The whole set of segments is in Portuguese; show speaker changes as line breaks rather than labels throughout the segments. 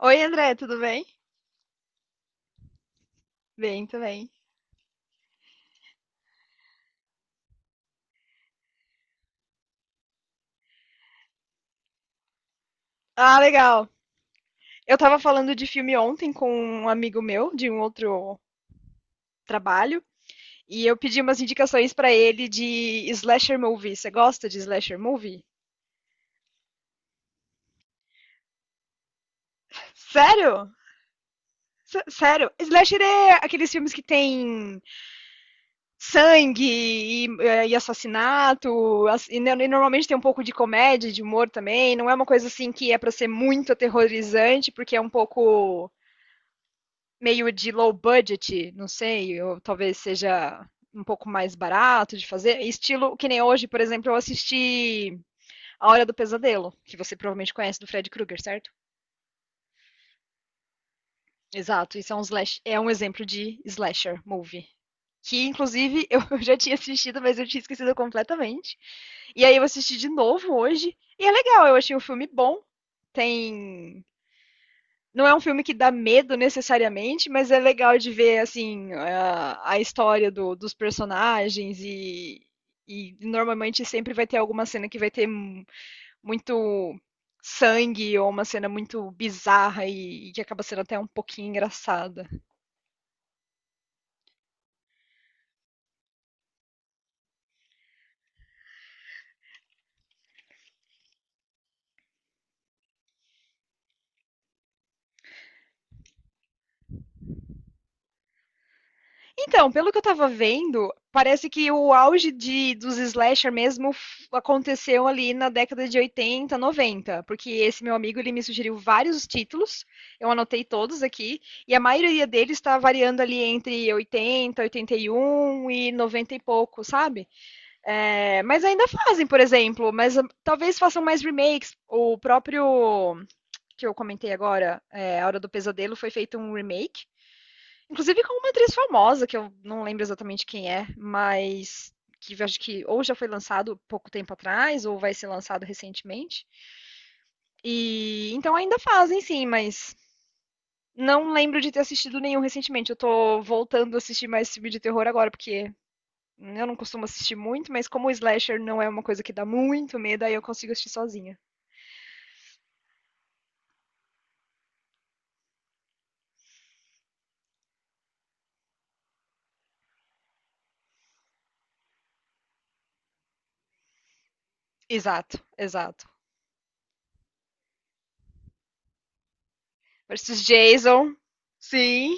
Oi, André, tudo bem? Bem, também. Ah, legal. Eu tava falando de filme ontem com um amigo meu de um outro trabalho e eu pedi umas indicações pra ele de slasher movie. Você gosta de slasher movie? Sério? Sério? Slasher é aqueles filmes que tem sangue e assassinato, ass- e, no- e normalmente tem um pouco de comédia, de humor também. Não é uma coisa assim que é pra ser muito aterrorizante, porque é um pouco meio de low budget, não sei, ou talvez seja um pouco mais barato de fazer. Estilo que nem hoje, por exemplo, eu assisti A Hora do Pesadelo, que você provavelmente conhece do Fred Krueger, certo? Exato, isso é um exemplo de slasher movie. Que, inclusive, eu já tinha assistido, mas eu tinha esquecido completamente. E aí eu assisti de novo hoje. E é legal, eu achei o filme bom. Tem Não é um filme que dá medo necessariamente, mas é legal de ver assim a história dos personagens e normalmente sempre vai ter alguma cena que vai ter muito sangue ou uma cena muito bizarra e que acaba sendo até um pouquinho engraçada. Então, pelo que eu tava vendo, parece que o auge dos slasher mesmo aconteceu ali na década de 80, 90, porque esse meu amigo ele me sugeriu vários títulos, eu anotei todos aqui, e a maioria deles está variando ali entre 80, 81 e 90 e noventa e pouco, sabe? É, mas ainda fazem, por exemplo, mas talvez façam mais remakes. O próprio que eu comentei agora, A Hora do Pesadelo, foi feito um remake. Inclusive com uma atriz famosa, que eu não lembro exatamente quem é, mas que eu acho que ou já foi lançado pouco tempo atrás, ou vai ser lançado recentemente. E então ainda fazem, sim, mas não lembro de ter assistido nenhum recentemente. Eu tô voltando a assistir mais filme de terror agora, porque eu não costumo assistir muito, mas como o slasher não é uma coisa que dá muito medo, aí eu consigo assistir sozinha. Exato, exato. Versus Jason, sim.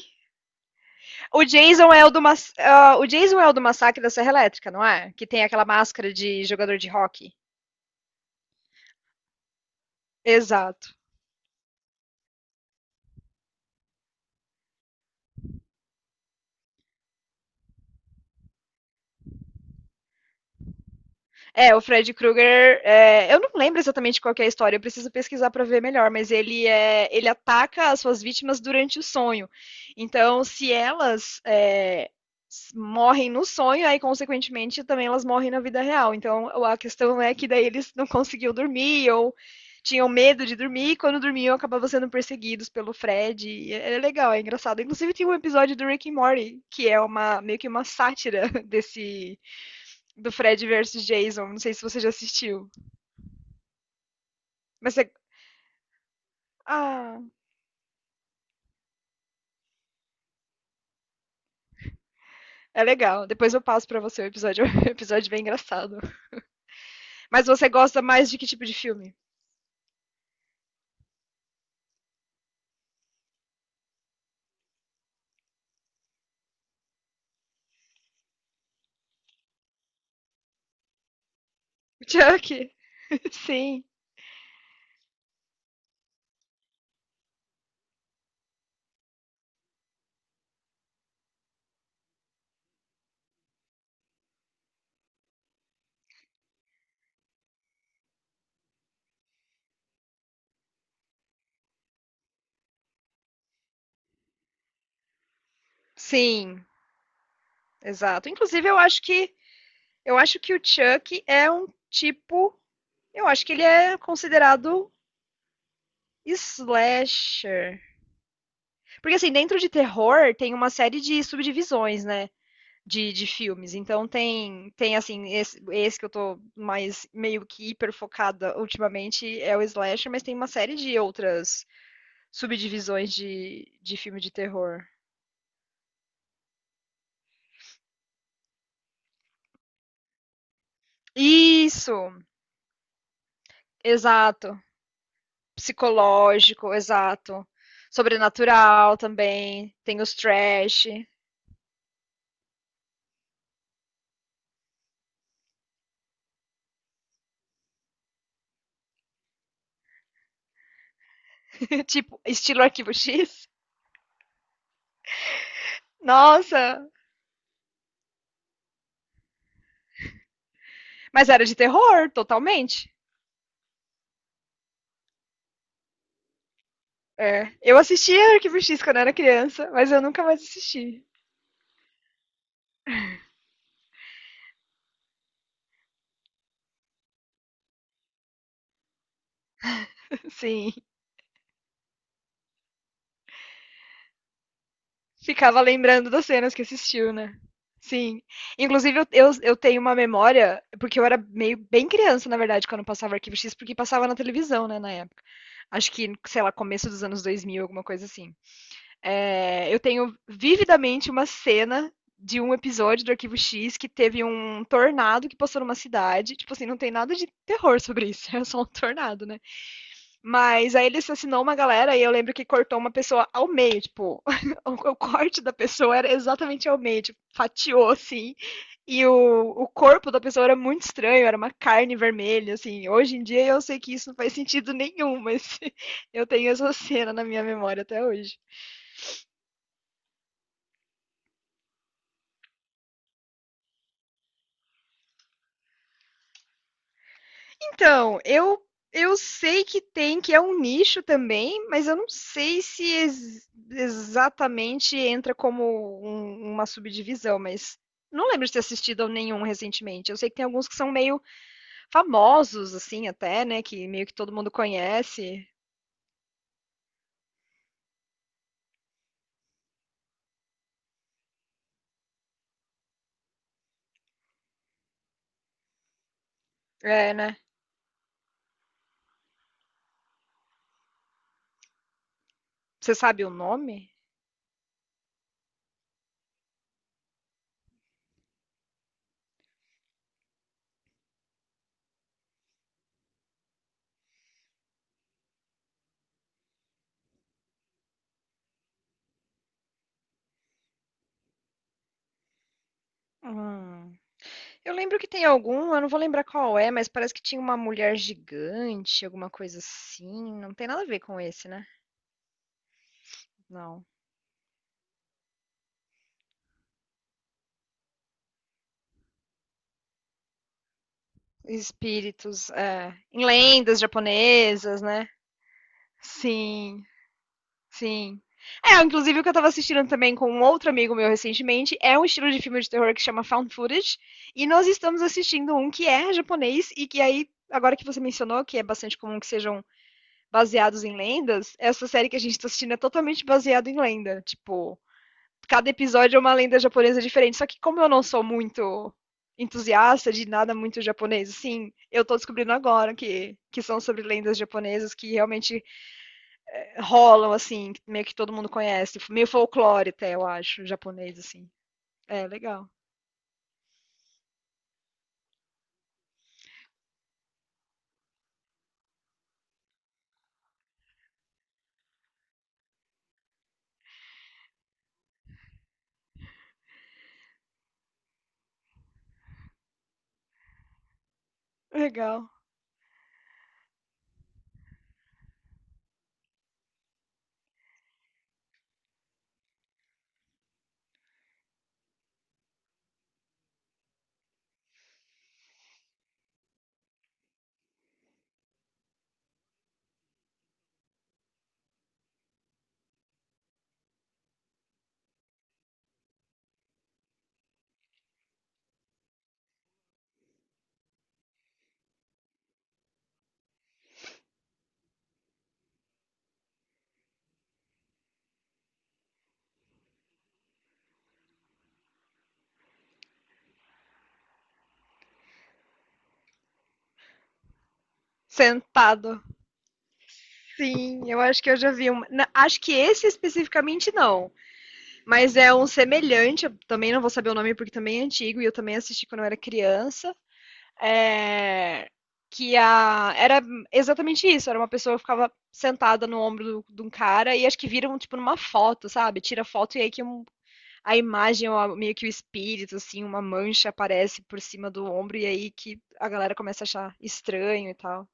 O Jason é o do massacre da Serra Elétrica, não é? Que tem aquela máscara de jogador de rock. Exato. É, o Fred Krueger, eu não lembro exatamente qual que é a história, eu preciso pesquisar para ver melhor, mas ele ataca as suas vítimas durante o sonho. Então, se elas morrem no sonho, aí consequentemente também elas morrem na vida real. Então, a questão é que daí eles não conseguiam dormir ou tinham medo de dormir e quando dormiam acabavam sendo perseguidos pelo Fred. É legal, é engraçado. Inclusive tem um episódio do Rick and Morty que é uma meio que uma sátira desse do Fred versus Jason. Não sei se você já assistiu. Mas é. Ah, é legal. Depois eu passo pra você o episódio. É um episódio bem engraçado. Mas você gosta mais de que tipo de filme? Chuck. Sim. Sim, exato. Inclusive, eu acho que. Eu acho que o Chuck é um tipo. Eu acho que ele é considerado slasher. Porque assim, dentro de terror tem uma série de subdivisões, né? de filmes. Então tem assim, esse que eu tô mais meio que hiper focada ultimamente é o slasher, mas tem uma série de outras subdivisões de filme de terror. Isso, exato. Psicológico, exato. Sobrenatural também, tem os trash, tipo, estilo Arquivo X. Nossa, mas era de terror, totalmente. É, eu assistia Arquivo X quando eu era criança, mas eu nunca mais assisti. Sim. Ficava lembrando das cenas que assistiu, né? Sim. Inclusive, eu tenho uma memória, porque eu era meio bem criança, na verdade, quando passava Arquivo X, porque passava na televisão, né, na época. Acho que, sei lá, começo dos anos 2000 alguma coisa assim. É, eu tenho vividamente uma cena de um episódio do Arquivo X que teve um tornado que passou numa cidade. Tipo assim, não tem nada de terror sobre isso, é só um tornado, né? Mas aí ele assassinou uma galera e eu lembro que cortou uma pessoa ao meio, tipo, o corte da pessoa era exatamente ao meio, tipo, fatiou assim. E o corpo da pessoa era muito estranho, era uma carne vermelha, assim. Hoje em dia eu sei que isso não faz sentido nenhum, mas eu tenho essa cena na minha memória até hoje. Então, eu sei que tem, que é um nicho também, mas eu não sei se exatamente entra como uma subdivisão, mas não lembro de ter assistido a nenhum recentemente. Eu sei que tem alguns que são meio famosos, assim, até, né? Que meio que todo mundo conhece. É, né? Você sabe o nome? Hum. Eu lembro que tem algum, eu não vou lembrar qual é, mas parece que tinha uma mulher gigante, alguma coisa assim. Não tem nada a ver com esse, né? Não. Espíritos em lendas japonesas, né? Sim, sim. É, inclusive o que eu tava assistindo também com um outro amigo meu recentemente é um estilo de filme de terror que chama Found Footage. E nós estamos assistindo um que é japonês e que aí, agora que você mencionou, que é bastante comum que sejam baseados em lendas, essa série que a gente tá assistindo é totalmente baseada em lenda. Tipo, cada episódio é uma lenda japonesa diferente. Só que como eu não sou muito entusiasta de nada muito japonês, assim, eu tô descobrindo agora que são sobre lendas japonesas que realmente rolam, assim, meio que todo mundo conhece. Meio folclore até, eu acho, japonês, assim. É, legal. Legal. Sentado. Sim, eu acho que eu já vi um. Acho que esse especificamente não. Mas é um semelhante. Eu também não vou saber o nome porque também é antigo e eu também assisti quando eu era criança. É, que era exatamente isso, era uma pessoa que ficava sentada no ombro de um cara e acho que viram, tipo, numa foto, sabe? Tira foto e aí que a imagem, meio que o espírito, assim, uma mancha aparece por cima do ombro e aí que a galera começa a achar estranho e tal.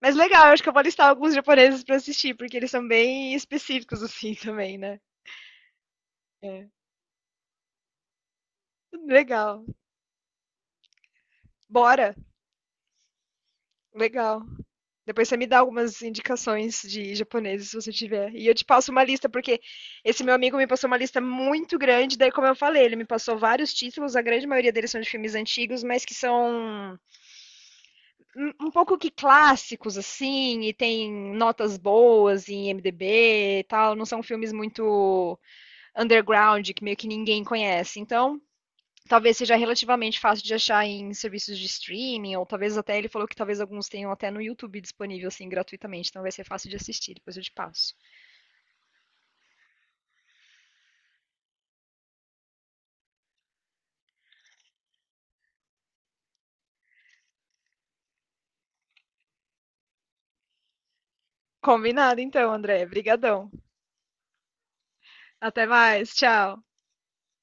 Mas legal, eu acho que eu vou listar alguns japoneses pra assistir, porque eles são bem específicos, assim, também, né? Legal. Bora! Legal. Depois você me dá algumas indicações de japoneses, se você tiver. E eu te passo uma lista, porque esse meu amigo me passou uma lista muito grande. Daí, como eu falei, ele me passou vários títulos. A grande maioria deles são de filmes antigos, mas que são um pouco que clássicos, assim. E tem notas boas em IMDb e tal. Não são filmes muito underground, que meio que ninguém conhece. Então, talvez seja relativamente fácil de achar em serviços de streaming, ou talvez até ele falou que talvez alguns tenham até no YouTube disponível assim gratuitamente, então vai ser fácil de assistir, depois eu te passo. Combinado então, André. Obrigadão. Até mais, tchau.